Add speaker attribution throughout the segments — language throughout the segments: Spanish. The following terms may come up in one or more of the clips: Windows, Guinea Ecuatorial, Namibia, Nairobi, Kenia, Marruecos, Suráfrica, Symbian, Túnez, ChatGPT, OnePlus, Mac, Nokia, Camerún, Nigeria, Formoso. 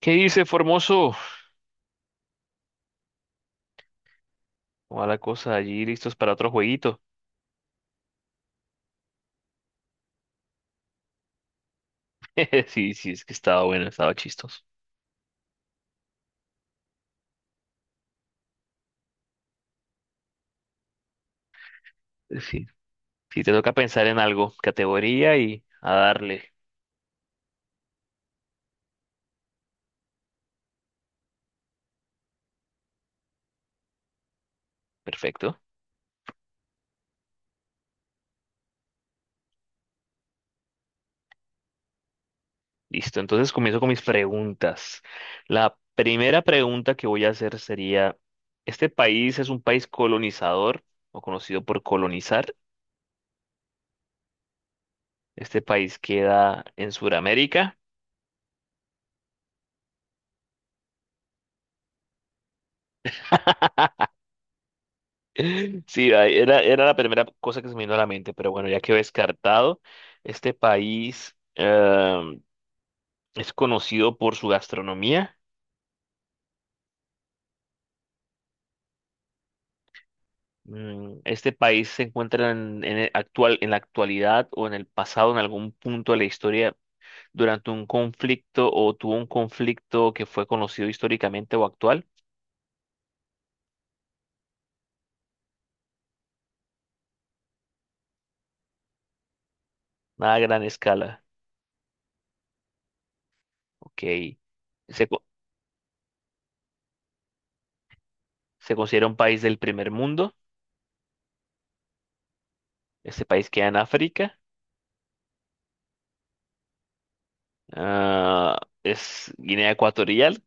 Speaker 1: ¿Qué dice Formoso? ¿Cómo va la cosa allí? ¿Listos para otro jueguito? Sí, sí, es que estaba bueno, estaba chistoso. Sí, sí, te toca pensar en algo, categoría y a darle. Perfecto. Listo, entonces comienzo con mis preguntas. La primera pregunta que voy a hacer sería, ¿este país es un país colonizador o conocido por colonizar? ¿Este país queda en Sudamérica? Sí, ay, era, era la primera cosa que se me vino a la mente, pero bueno, ya quedó descartado. Este país es conocido por su gastronomía. Este país se encuentra en el actual, en la actualidad o en el pasado, en algún punto de la historia, durante un conflicto o tuvo un conflicto que fue conocido históricamente o actual. Nada a gran escala. Ok. Se, co- Se considera un país del primer mundo. Este país queda en África. Ah, es Guinea Ecuatorial.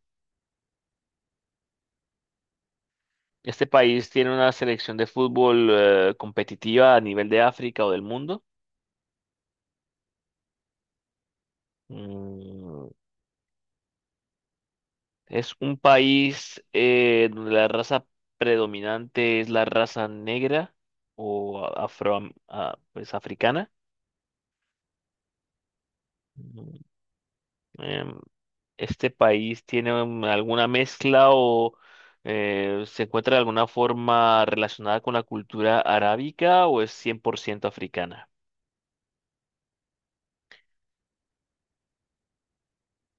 Speaker 1: Este país tiene una selección de fútbol competitiva a nivel de África o del mundo. Mm, es un país donde la raza predominante es la raza negra o afro, ah, pues africana. Mm, em, este país tiene alguna mezcla o se encuentra de alguna forma relacionada con la cultura arábica o es 100% africana.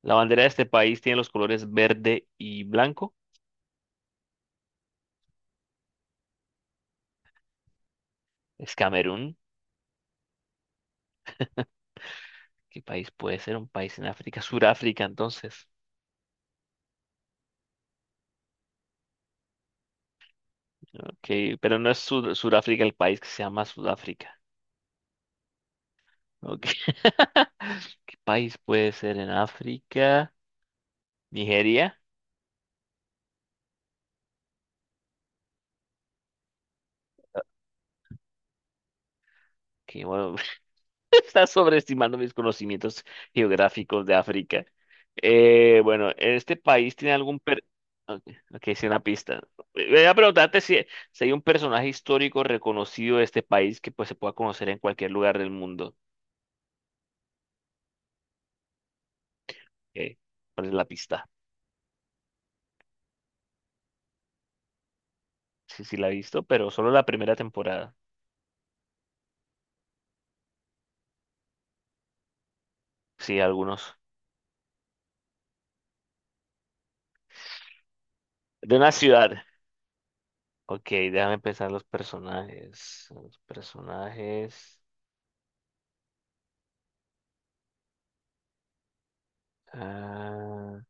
Speaker 1: La bandera de este país tiene los colores verde y blanco. Es Camerún. ¿Qué país puede ser? Un país en África. Suráfrica, entonces. Ok, pero no es Suráfrica el país que se llama Sudáfrica. Ok. ¿Qué país puede ser en África? Nigeria. Que bueno, estás sobreestimando mis conocimientos geográficos de África. Bueno, ¿este país tiene algún... Per... Ok, ok, sí, una pista. Voy a preguntarte si, si hay un personaje histórico reconocido de este país que pues, se pueda conocer en cualquier lugar del mundo. Ok, ¿cuál es la pista? Sí, sí, la he visto, pero solo la primera temporada. Sí, algunos. De una ciudad. Ok, déjame pensar los personajes. Los personajes. Ah,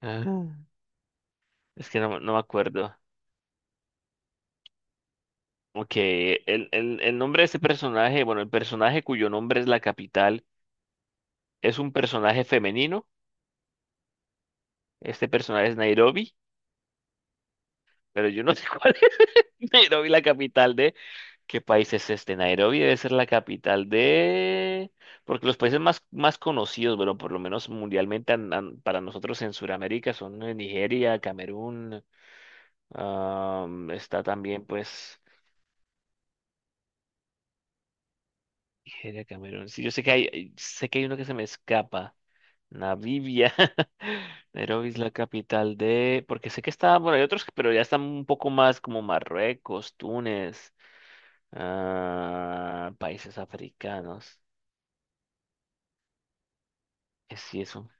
Speaker 1: ah, es que no, no me acuerdo. Ok, el nombre de este personaje, bueno, el personaje cuyo nombre es la capital, es un personaje femenino. Este personaje es Nairobi, pero yo no sé cuál es Nairobi, la capital de... ¿Qué país es este? Nairobi debe ser la capital de... Porque los países más conocidos, bueno, por lo menos mundialmente para nosotros en Sudamérica son Nigeria, Camerún, am, está también pues... Nigeria, Camerún. Sí, yo sé que hay uno que se me escapa. Namibia. Nairobi es la capital de... Porque sé que estaba bueno, hay otros, pero ya están un poco más como Marruecos, Túnez, ah, países africanos. Es sí, eso.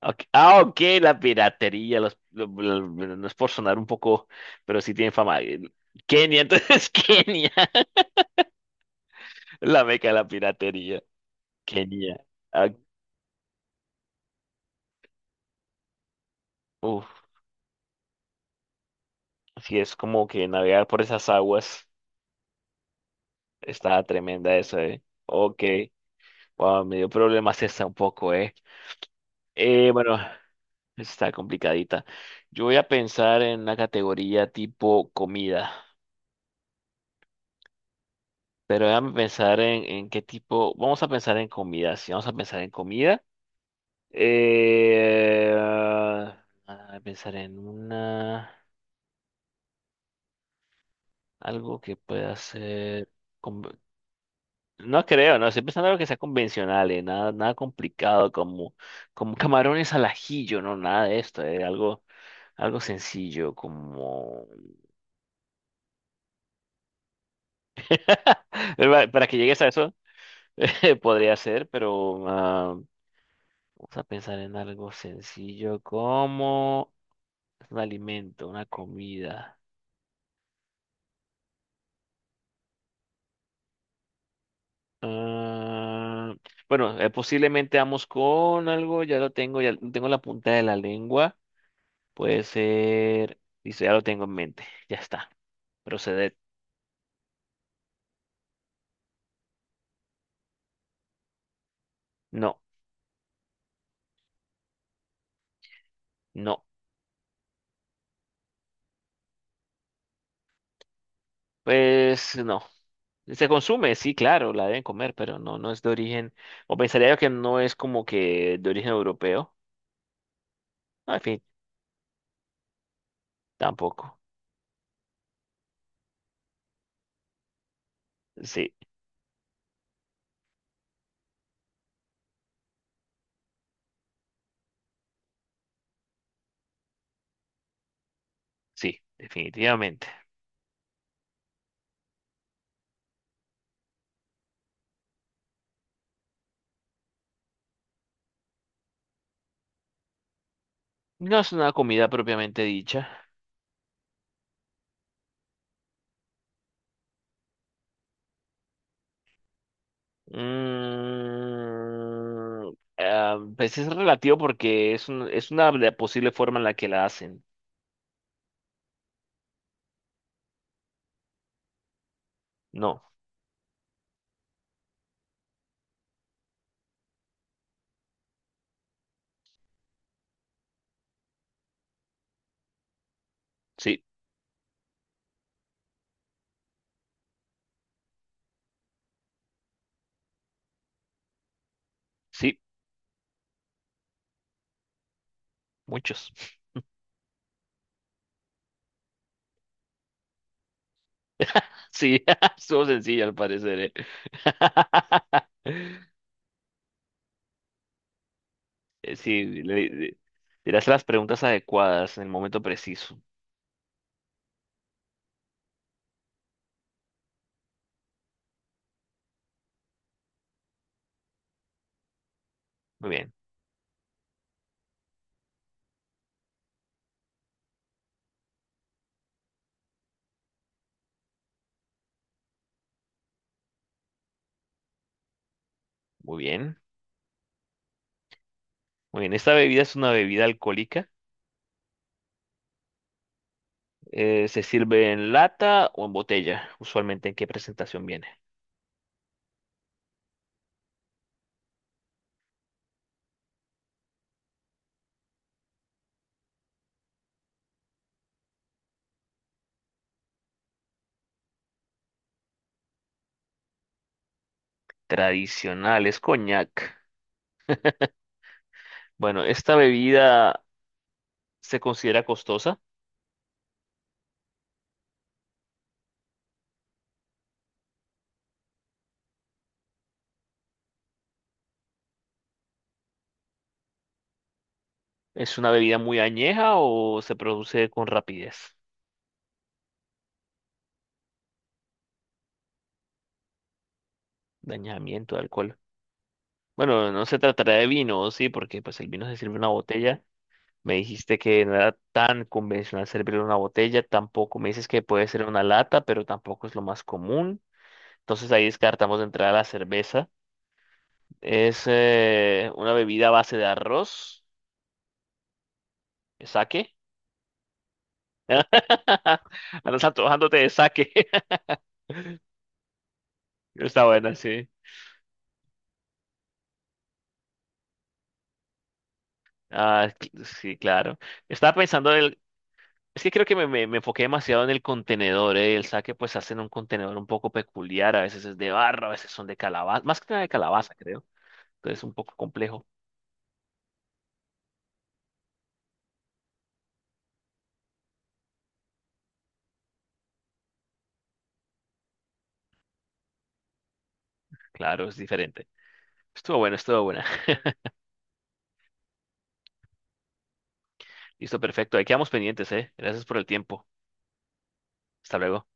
Speaker 1: Ok, ah, ok, la piratería. Los, no es por sonar un poco, pero sí tiene fama. Kenia, entonces Kenia. La meca de la piratería. Kenia. Ah, uf, sí, es como que navegar por esas aguas está tremenda eso, ¿eh? Ok. Wow, me dio problemas esta un poco, ¿eh? Bueno, está complicadita. Yo voy a pensar en una categoría tipo comida, pero déjame pensar en qué tipo. Vamos a pensar en comida, sí, vamos a pensar en comida. Pensar en una algo que pueda ser. No creo, no, estoy pensando en algo que sea convencional, nada, nada complicado, como, como camarones al ajillo, no, nada de esto, algo, algo sencillo, como... Para que llegues a eso, podría ser, pero ah, vamos a pensar en algo sencillo, como un alimento, una comida. Ah, bueno, posiblemente vamos con algo, ya lo tengo en la punta de la lengua. Puede ser. Listo, ya lo tengo en mente. Ya está. Proceder. No, no. Pues no. Se consume, sí, claro, la deben comer, pero no, no es de origen. O pensaría yo que no es como que de origen europeo. No, en fin, tampoco. Sí, sí, definitivamente. No es una comida propiamente dicha. Mm, pues es relativo porque es una posible forma en la que la hacen. No, sí, sí, muchos. Sí, estuvo sencilla al parecer, ¿eh? Eh, Sí, le, le- le las preguntas adecuadas en el momento preciso. Muy bien, muy bien. Muy bien, ¿esta bebida es una bebida alcohólica? ¿Se sirve en lata o en botella? Usualmente, ¿en qué presentación viene? Tradicional, es coñac. Bueno, ¿esta bebida se considera costosa? ¿Es una bebida muy añeja o se produce con rapidez? Dañamiento de alcohol. Bueno, no se tratará de vino, sí, porque pues el vino se sirve en una botella. Me dijiste que no era tan convencional servirlo en una botella, tampoco me dices que puede ser una lata, pero tampoco es lo más común. Entonces ahí descartamos de entrada la cerveza. Es una bebida a base de arroz, sake. Andas antojándote de sake. Está buena, sí. Ah, cl- sí, claro. Estaba pensando es que creo que me enfoqué demasiado en el contenedor, ¿eh? El saque pues hacen un contenedor un poco peculiar, a veces es de barro, a veces son de calabaza, más que nada de calabaza, creo. Entonces un poco complejo, claro, es diferente. Estuvo bueno, estuvo buena. Listo, perfecto, ahí quedamos pendientes, ¿eh? Gracias por el tiempo. Hasta luego.